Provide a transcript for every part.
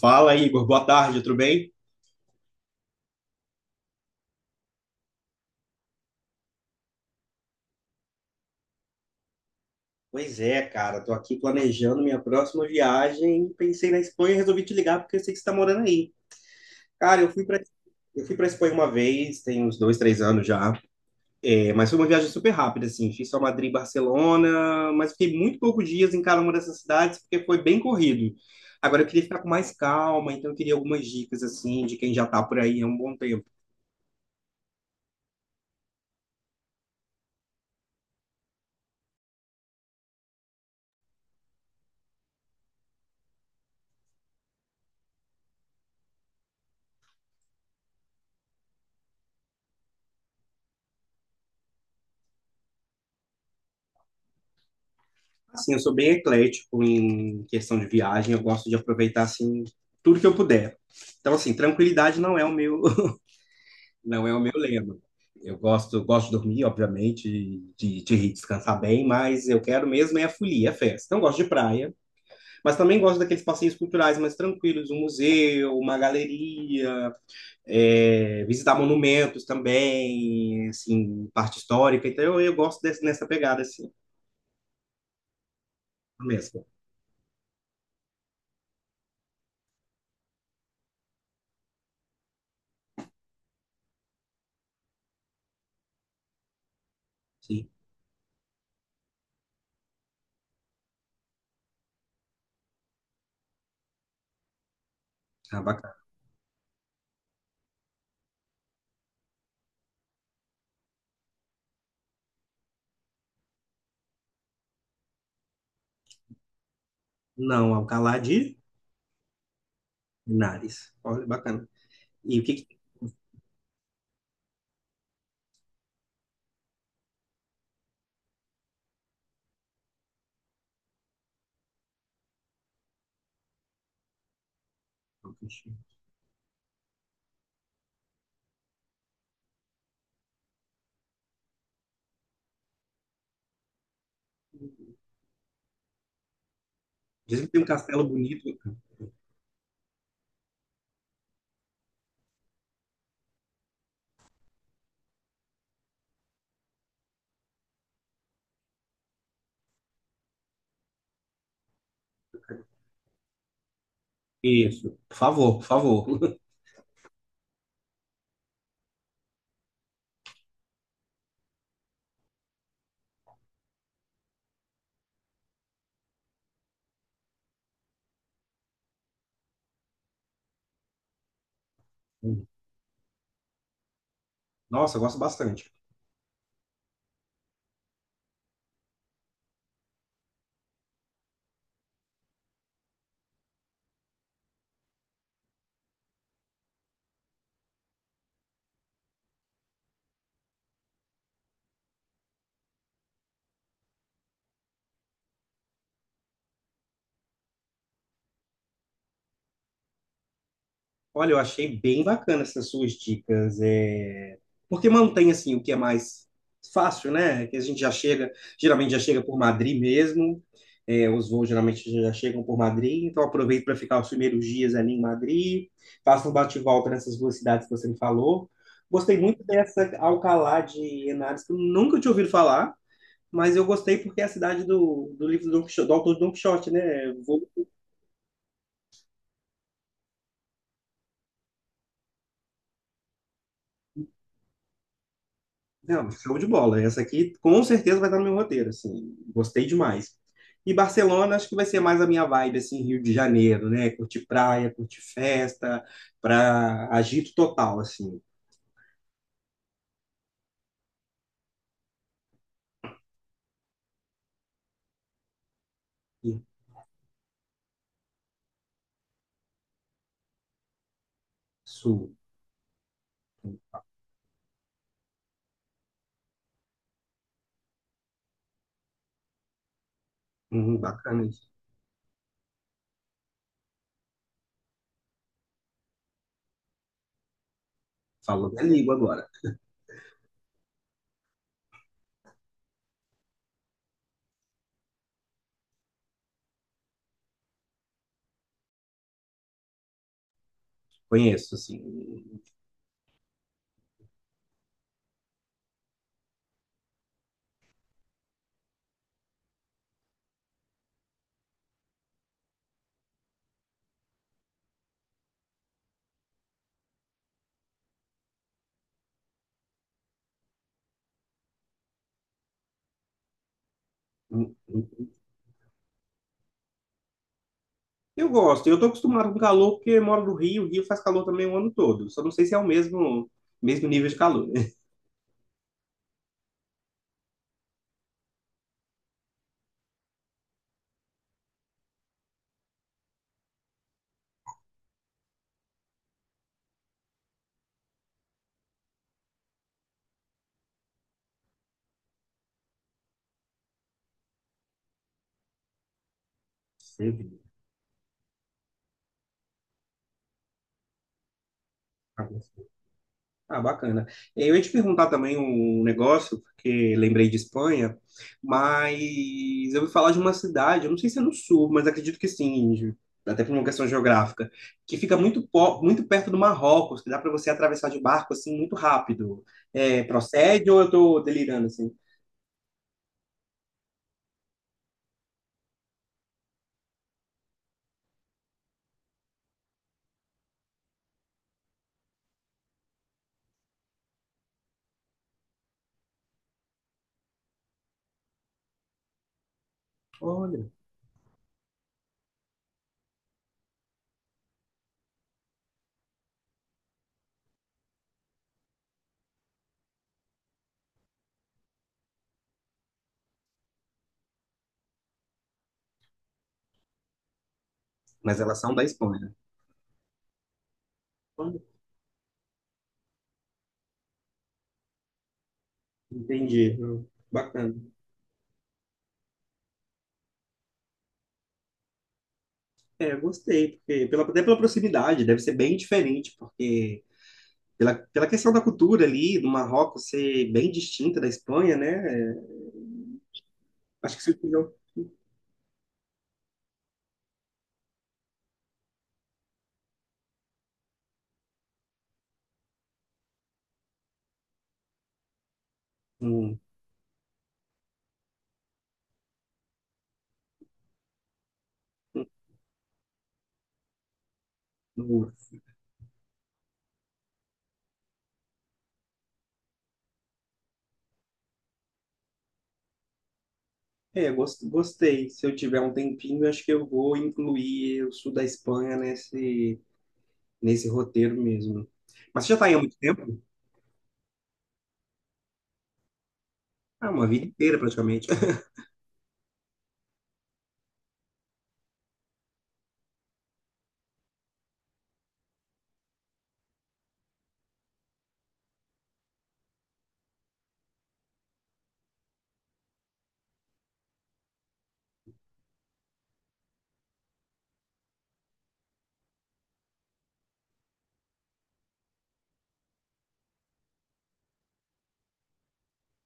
Fala, Igor. Boa tarde, tudo bem? Pois é, cara, tô aqui planejando minha próxima viagem. Pensei na Espanha e resolvi te ligar porque eu sei que você tá morando aí. Cara, eu fui para Espanha uma vez, tem uns dois, três anos já. É, mas foi uma viagem super rápida, assim. Fiz só Madrid e Barcelona, mas fiquei muito poucos dias em cada uma dessas cidades porque foi bem corrido. Agora eu queria ficar com mais calma, então eu queria algumas dicas assim de quem já tá por aí há um bom tempo. Assim, eu sou bem eclético em questão de viagem, eu gosto de aproveitar assim tudo que eu puder. Então, assim, tranquilidade não é o meu, não é o meu lema. Eu gosto de dormir, obviamente, de descansar bem, mas eu quero mesmo é a folia, é a festa. Então, eu gosto de praia, mas também gosto daqueles passeios culturais mais tranquilos, um museu, uma galeria, visitar monumentos também, assim, parte histórica. Então, eu gosto desse, nessa pegada, assim, mesmo. Sim, ah, bacana. Não, Alcalá de Henares. Olha, bacana. E o que que tem? Em Campos? Diz que tem um castelo bonito. Em Campos. Isso. Por favor, por favor. Nossa, eu gosto bastante. Olha, eu achei bem bacana essas suas dicas, é... porque mantém assim o que é mais fácil, né? Que a gente já chega, geralmente já chega por Madrid mesmo, é, os voos geralmente já chegam por Madrid, então aproveito para ficar os primeiros dias ali em Madrid, faço um bate-volta nessas duas cidades que você me falou. Gostei muito dessa Alcalá de Henares, que eu nunca tinha ouvido falar, mas eu gostei porque é a cidade do livro do Don Quixote, do autor de Don Quixote, né? Não, show de bola. Essa aqui com certeza vai estar no meu roteiro, assim. Gostei demais. E Barcelona, acho que vai ser mais a minha vibe, assim, Rio de Janeiro, né? Curtir praia, curtir festa, pra agito total, assim. Isso, bacana isso. Falou minha língua agora. Conheço, assim. Hum, hum. Eu gosto. Eu tô acostumado com calor porque eu moro no Rio. O Rio faz calor também o ano todo. Só não sei se é o mesmo nível de calor, né? Você vê. Ah, bacana. Eu ia te perguntar também um negócio, porque lembrei de Espanha, mas eu ouvi falar de uma cidade, eu não sei se é no sul, mas acredito que sim, até por uma questão geográfica, que fica muito, muito perto do Marrocos, que dá para você atravessar de barco assim muito rápido. É, procede ou eu estou delirando assim? Olha, mas elas são da Espanha. Olha, entendi. Bacana. É, eu gostei, porque pela, até pela proximidade, deve ser bem diferente, porque pela, pela questão da cultura ali, do Marrocos ser bem distinta da Espanha, né? É, acho que se eu tiver um, um- um- um, é, gostei. Se eu tiver um tempinho, acho que eu vou incluir o sul da Espanha nesse, nesse roteiro mesmo. Mas você já está aí há muito tempo? Ah, uma vida inteira praticamente.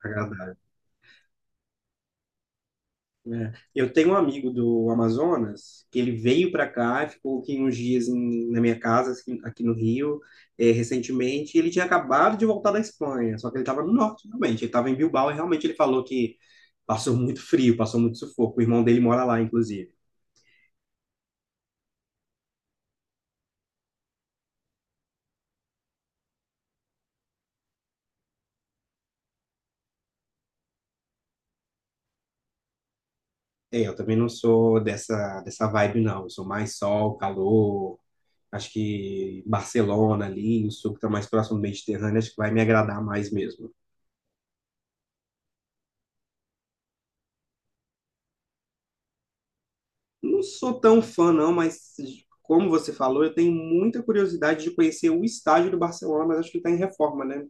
Agradável. Né? Eu tenho um amigo do Amazonas que ele veio para cá e ficou aqui uns dias na minha casa, assim, aqui no Rio, recentemente. E ele tinha acabado de voltar da Espanha, só que ele estava no norte, realmente. Ele estava em Bilbao e realmente ele falou que passou muito frio, passou muito sufoco. O irmão dele mora lá, inclusive. É, eu também não sou dessa vibe, não. Eu sou mais sol, calor. Acho que Barcelona ali, o sul que está mais próximo do Mediterrâneo, acho que vai me agradar mais mesmo. Não sou tão fã, não, mas como você falou, eu tenho muita curiosidade de conhecer o estádio do Barcelona, mas acho que está em reforma, né?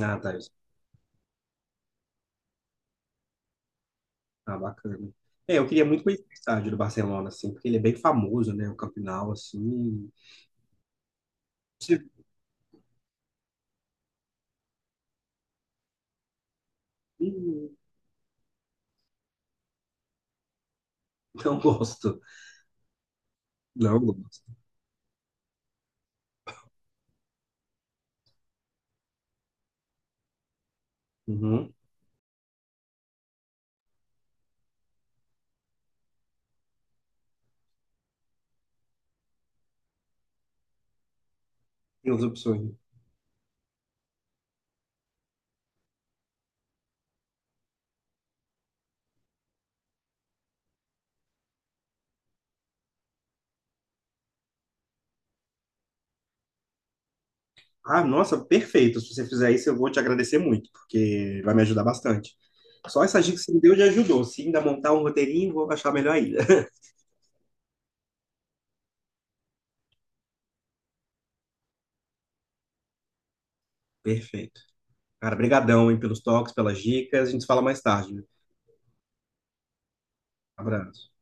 Ah, tá. Isso. Ah, bacana. É, eu queria muito conhecer o estádio do Barcelona, assim, porque ele é bem famoso, né? O Camp Nou, assim. Sim. Hum, não gosto. Não gosto. Uhum. Tem as opções. Ah, nossa, perfeito. Se você fizer isso, eu vou te agradecer muito, porque vai me ajudar bastante. Só essa dica que você me deu já ajudou. Se ainda montar um roteirinho, vou achar melhor ainda. Perfeito. Cara, brigadão, hein, pelos toques, pelas dicas. A gente se fala mais tarde. Abraço.